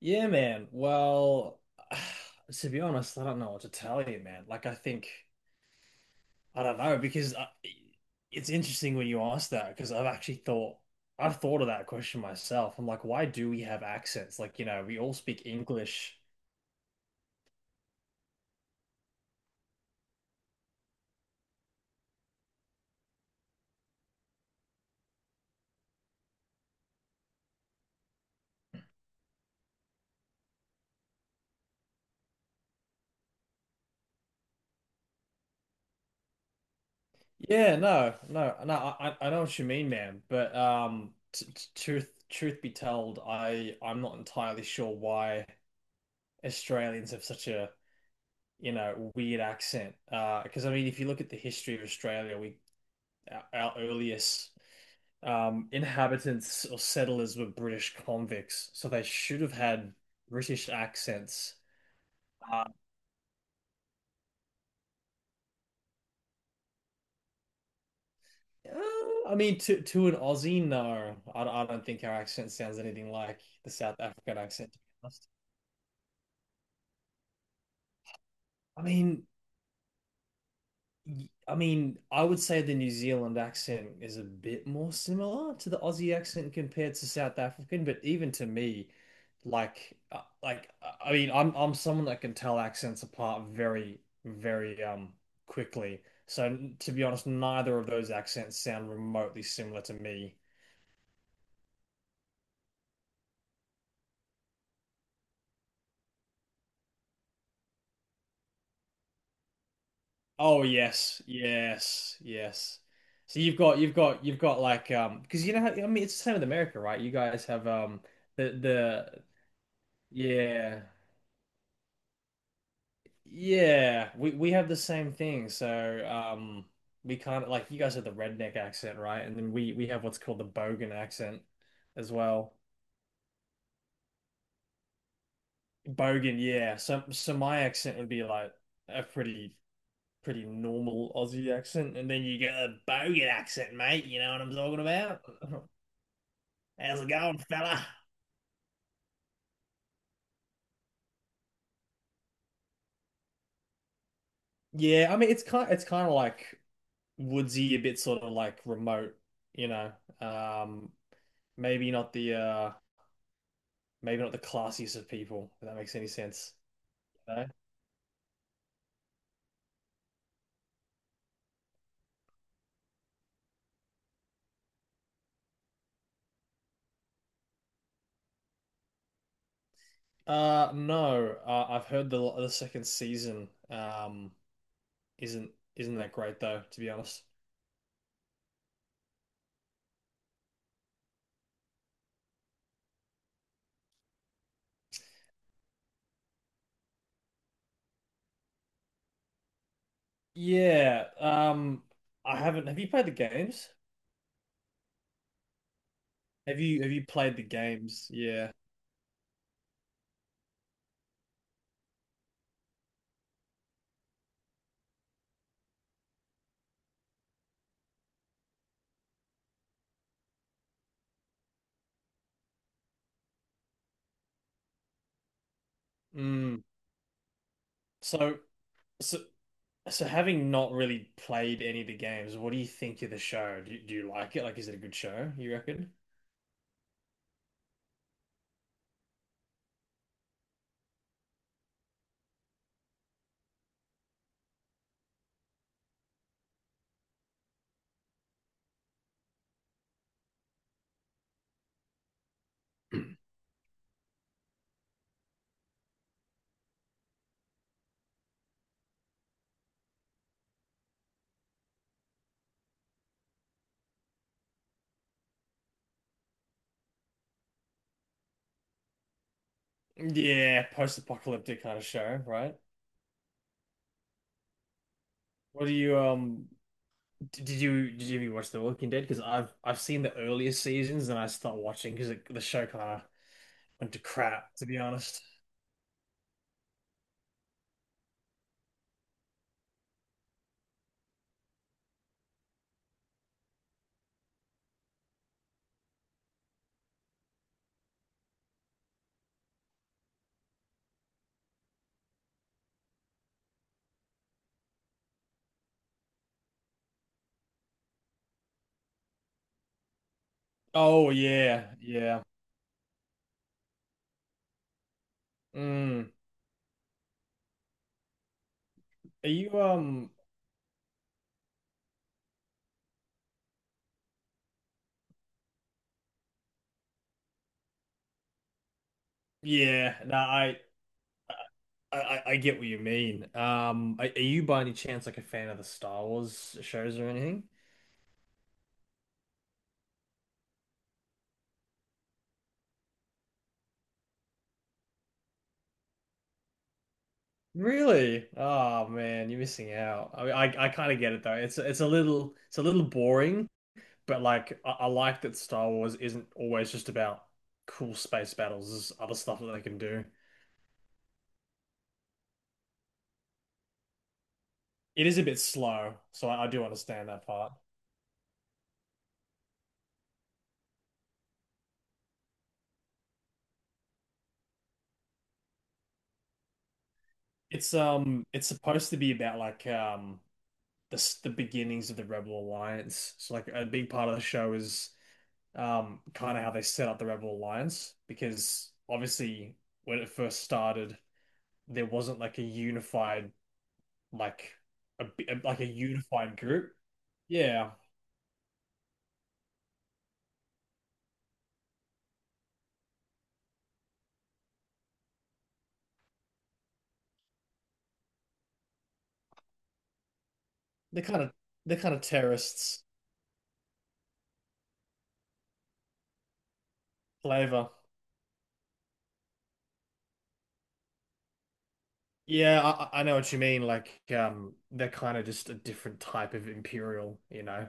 Yeah, man. Well, to be honest, I don't know what to tell you, man. I think, I don't know, because it's interesting when you ask that, because I've thought of that question myself. I'm like, why do we have accents? Like, you know, we all speak English. Yeah, no, no, no, I know what you mean, man. But, truth be told, I'm not entirely sure why Australians have such a you know, weird accent. Because I mean, if you look at the history of Australia, we our earliest inhabitants or settlers were British convicts, so they should have had British accents. Uh, I mean, to an Aussie, no, I don't think our accent sounds anything like the South African accent, to be honest. I mean, I mean, I would say the New Zealand accent is a bit more similar to the Aussie accent compared to South African, but even to me, I mean, I'm someone that can tell accents apart very, very quickly. So to be honest, neither of those accents sound remotely similar to me. Oh yes, yes, yes. So you've got like because you know how, I mean it's the same with America, right? You guys have the yeah. Yeah, we have the same thing. So, we kind of like you guys have the redneck accent, right? And then we have what's called the Bogan accent as well. Bogan, yeah. So my accent would be like a pretty normal Aussie accent, and then you get a Bogan accent, mate. You know what I'm talking about? How's it going, fella? Yeah, I mean it's kind of like woodsy, a bit sort of like remote, you know. Um, maybe not the uh Maybe not the classiest of people, if that makes any sense. You know? No, I've heard the second season isn't that great though, to be honest. Yeah, I haven't. Have you played the games? Have you played the games? Yeah. Mm. So so so having not really played any of the games, what do you think of the show? Do you like it? Like, is it a good show, you reckon? Yeah, post-apocalyptic kind of show, right? What do you Did you ever watch The Walking Dead? Because I've seen the earliest seasons and I stopped watching because the show kind of went to crap, to be honest. Oh yeah, yeah. Mm. Are you um? Yeah. No, I get what you mean. Are you by any chance like a fan of the Star Wars shows or anything? Really? Oh man, you're missing out. I mean, I kind of get it though. It's a little boring. But like, I like that Star Wars isn't always just about cool space battles. There's other stuff that they can do. It is a bit slow, so I do understand that part. It's supposed to be about like the beginnings of the Rebel Alliance. So like a big part of the show is kind of how they set up the Rebel Alliance because obviously when it first started, there wasn't like a unified like like a unified group. Yeah, they're kind of terrorists flavor. Yeah, I know what you mean. Like, they're kind of just a different type of imperial, you know.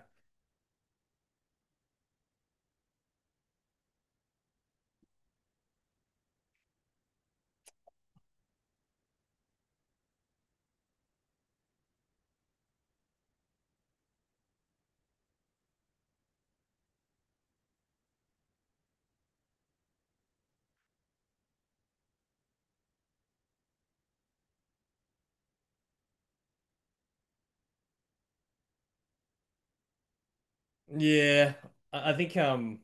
Yeah, I think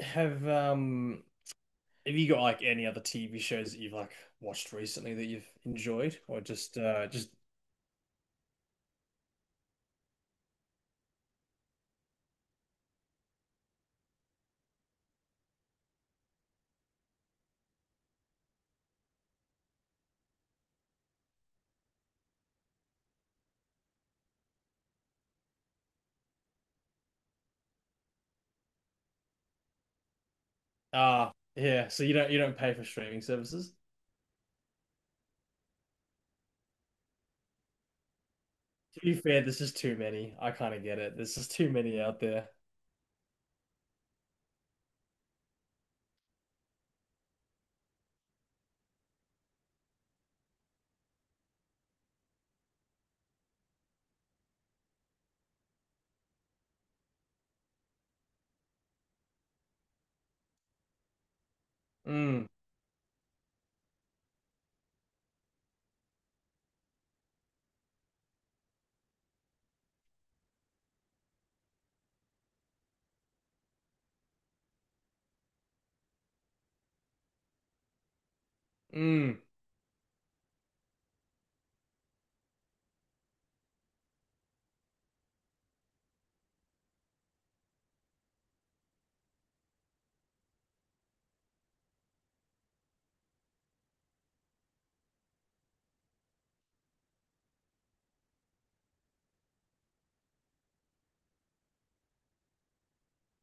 have um, have you got like any other TV shows that you've like watched recently that you've enjoyed, or just ah, yeah. So you don't pay for streaming services. To be fair, this is too many. I kind of get it. There's just too many out there. Mm, mm,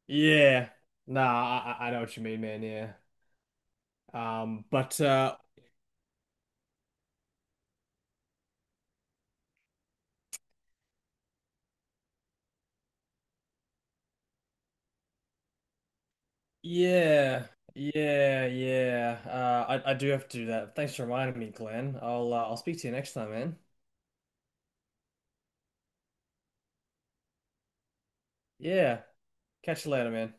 yeah. Nah, I know what you mean, man. Yeah. But yeah, yeah, yeah. I do have to do that. Thanks for reminding me, Glenn. I'll speak to you next time, man. Yeah. Catch you later, man.